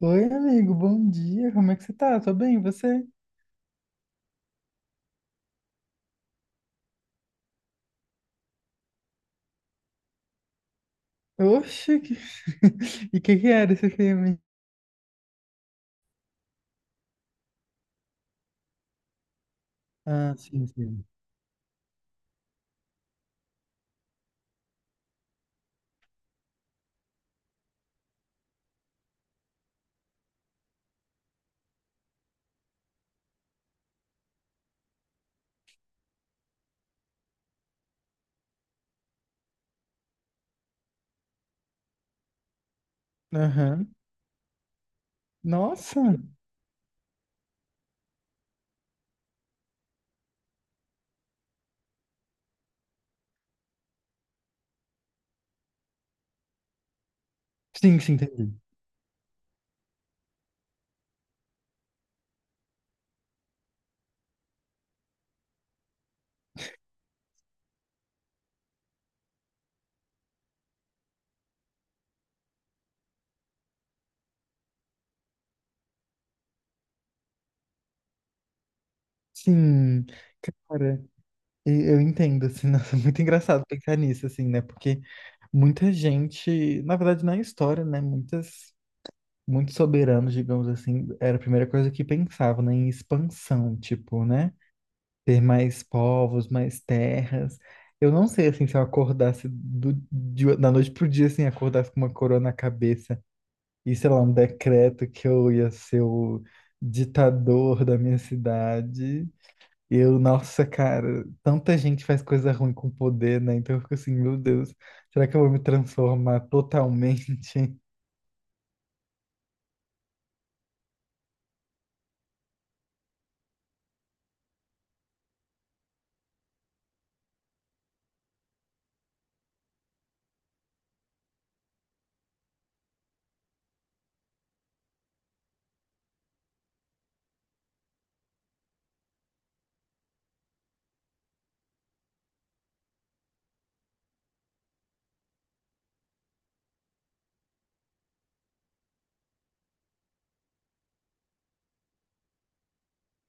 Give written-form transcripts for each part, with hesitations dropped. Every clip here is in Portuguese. Oi, amigo, bom dia. Como é que você tá? Tô bem, e você? Oxe, que... e o que era esse filme? Ah, sim, sim. Aham. Nossa! Sim, sim, entendi. Sim, cara, eu entendo, assim, nossa, muito engraçado pensar nisso, assim, né? Porque muita gente, na verdade, na história, né? Muitas, muitos soberanos, digamos assim, era a primeira coisa que pensavam, né? Em expansão, tipo, né? Ter mais povos, mais terras. Eu não sei, assim, se eu acordasse da noite pro dia, assim, acordasse com uma coroa na cabeça e, sei lá, um decreto que eu ia ser o ditador da minha cidade. Eu, nossa, cara, tanta gente faz coisa ruim com poder, né? Então eu fico assim, meu Deus, será que eu vou me transformar totalmente?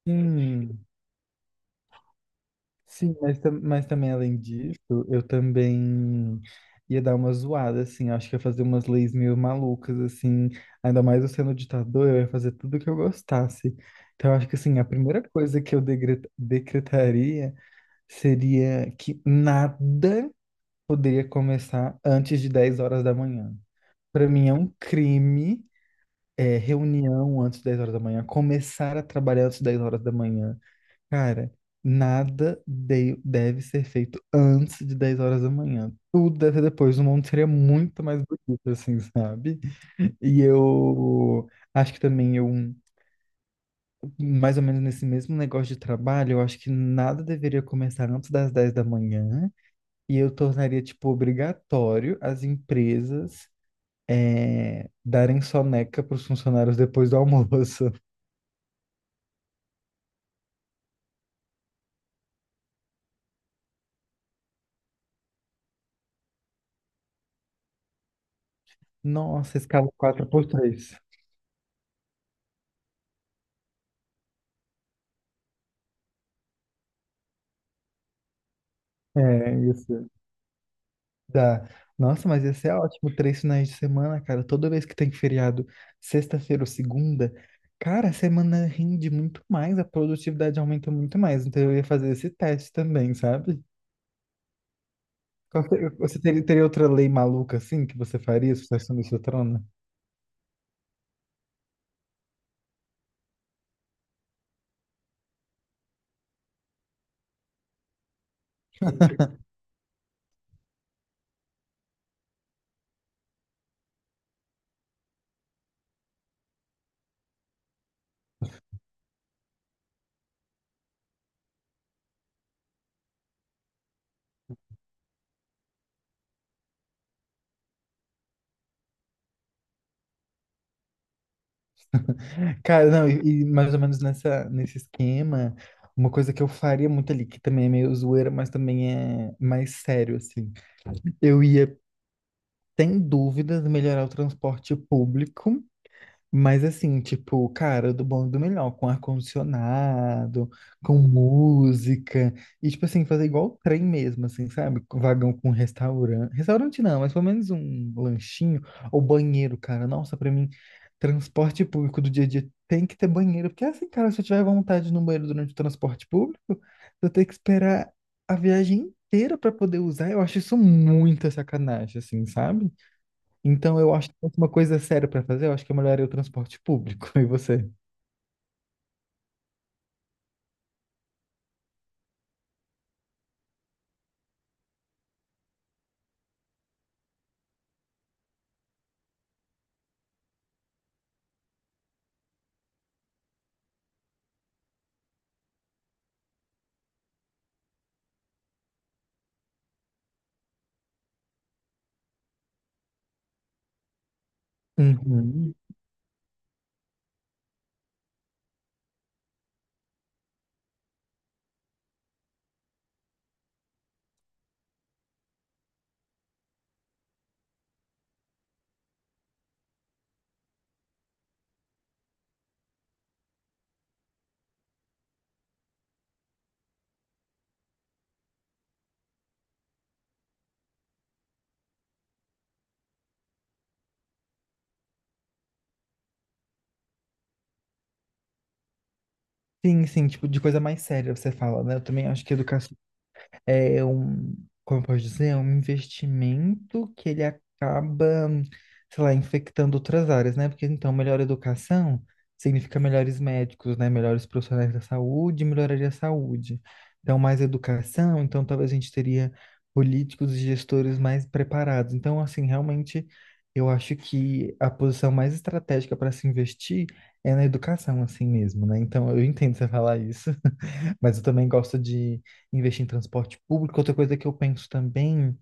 Hum. Sim, mas, mas também além disso, eu também ia dar uma zoada, assim, acho que ia fazer umas leis meio malucas, assim, ainda mais eu sendo ditador, eu ia fazer tudo que eu gostasse. Então, eu acho que, assim, a primeira coisa que eu decretaria seria que nada poderia começar antes de 10 horas da manhã. Para mim é um crime, é, reunião antes de 10 horas da manhã, começar a trabalhar antes de 10 horas da manhã. Cara, nada deve ser feito antes de 10 horas da manhã. Tudo deve ser depois. O mundo seria muito mais bonito, assim, sabe? E eu acho que também eu, mais ou menos nesse mesmo negócio de trabalho, eu acho que nada deveria começar antes das 10 da manhã. E eu tornaria, tipo, obrigatório as empresas darem soneca para os funcionários depois do almoço. Nossa, escala 4x3. É, isso. Dá. Nossa, mas ia ser ótimo, três finais de semana, cara. Toda vez que tem feriado, sexta-feira ou segunda, cara, a semana rende muito mais, a produtividade aumenta muito mais. Então eu ia fazer esse teste também, sabe? Você teria, teria outra lei maluca assim que você faria se você assumisse seu trono? Cara, não, e mais ou menos nessa, nesse esquema, uma coisa que eu faria muito ali, que também é meio zoeira, mas também é mais sério, assim. Eu ia, sem dúvidas, melhorar o transporte público. Mas assim, tipo, cara, do bom e do melhor, com ar-condicionado, com música, e tipo assim, fazer igual o trem mesmo, assim, sabe? Com vagão com restaurante. Restaurante não, mas pelo menos um lanchinho ou banheiro, cara. Nossa, pra mim, transporte público do dia a dia tem que ter banheiro, porque assim, cara, se eu tiver vontade de ir no banheiro durante o transporte público, eu tenho que esperar a viagem inteira pra poder usar. Eu acho isso muita sacanagem, assim, sabe? Então, eu acho que se fosse uma coisa séria pra fazer, eu acho que é melhoraria o transporte público. E você? Uhum. Sim, sim, tipo, de coisa mais séria você fala, né? Eu também acho que educação é um, como eu posso dizer, é um investimento que ele acaba, sei lá, infectando outras áreas, né? Porque então melhor educação significa melhores médicos, né? Melhores profissionais da saúde, melhoraria a saúde. Então mais educação, então talvez a gente teria políticos e gestores mais preparados. Então assim, realmente eu acho que a posição mais estratégica para se investir é na educação assim mesmo, né? Então eu entendo você falar isso. Mas eu também gosto de investir em transporte público. Outra coisa que eu penso também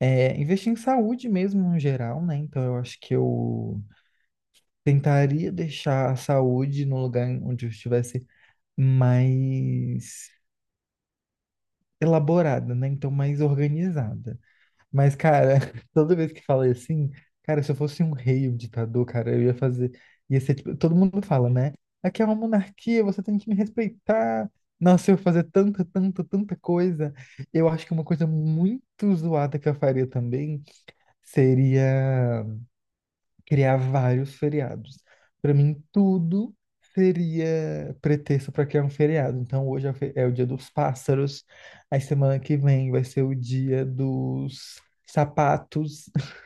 é investir em saúde mesmo, no geral, né? Então eu acho que eu tentaria deixar a saúde no lugar onde eu estivesse mais elaborada, né? Então mais organizada. Mas, cara, toda vez que fala assim, cara, se eu fosse um rei, um ditador, cara, eu ia fazer. Ia ser tipo. Todo mundo fala, né? Aqui é uma monarquia, você tem que me respeitar. Nossa, eu ia fazer tanta, tanta, tanta coisa. Eu acho que uma coisa muito zoada que eu faria também seria criar vários feriados. Para mim, tudo seria pretexto para criar um feriado. Então, hoje é o é o dia dos pássaros, aí semana que vem vai ser o dia dos sapatos.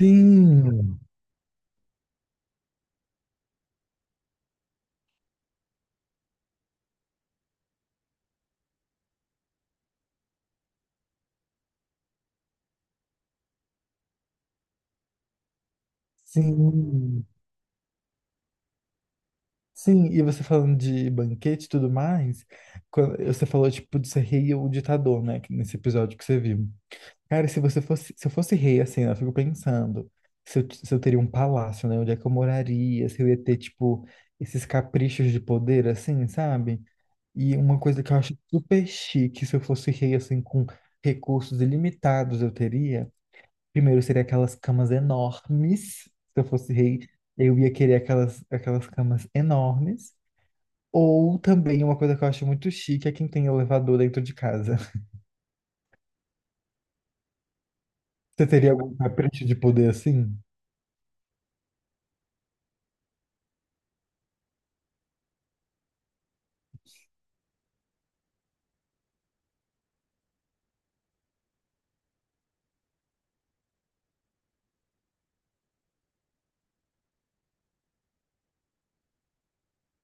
Sim, sim, sim. E você falando de banquete e tudo mais, quando você falou tipo de ser rei ou ditador, né? Nesse episódio que você viu. Cara, se você fosse, se eu fosse rei, assim, né, eu fico pensando se eu teria um palácio, né? Onde é que eu moraria? Se eu ia ter, tipo, esses caprichos de poder, assim, sabe? E uma coisa que eu acho super chique, se eu fosse rei, assim, com recursos ilimitados, eu teria. Primeiro, seria aquelas camas enormes. Se eu fosse rei, eu ia querer aquelas camas enormes. Ou também uma coisa que eu acho muito chique é quem tem elevador dentro de casa. Você teria algum capricho de poder assim?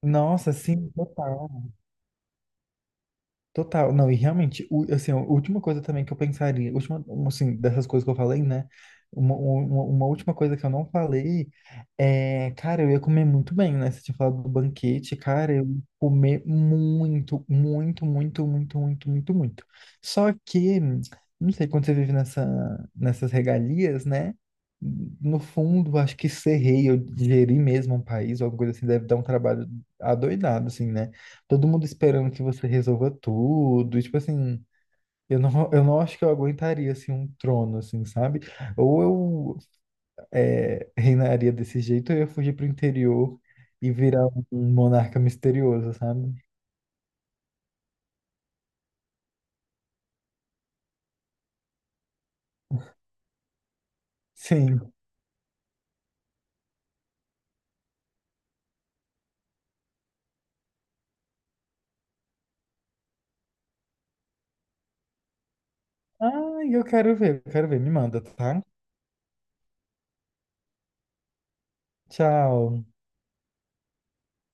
Nossa, sim, total. Total. Não, e realmente, assim, a última coisa também que eu pensaria, última, um, assim, dessas coisas que eu falei, né? Uma última coisa que eu não falei é, cara, eu ia comer muito bem, né? Você tinha falado do banquete, cara, eu ia comer muito, muito, muito, muito, muito, muito, muito. Só que, não sei, quando você vive nessa, nessas regalias, né? No fundo, acho que ser rei ou gerir mesmo um país, ou alguma coisa assim, deve dar um trabalho adoidado, assim, né? Todo mundo esperando que você resolva tudo. E, tipo assim, eu não acho que eu aguentaria, assim, um trono, assim, sabe? Ou eu é, reinaria desse jeito, ou eu ia fugir pro interior e virar um monarca misterioso, sabe? Sim. Ai, eu quero ver, eu quero ver. Me manda, tá? Tchau.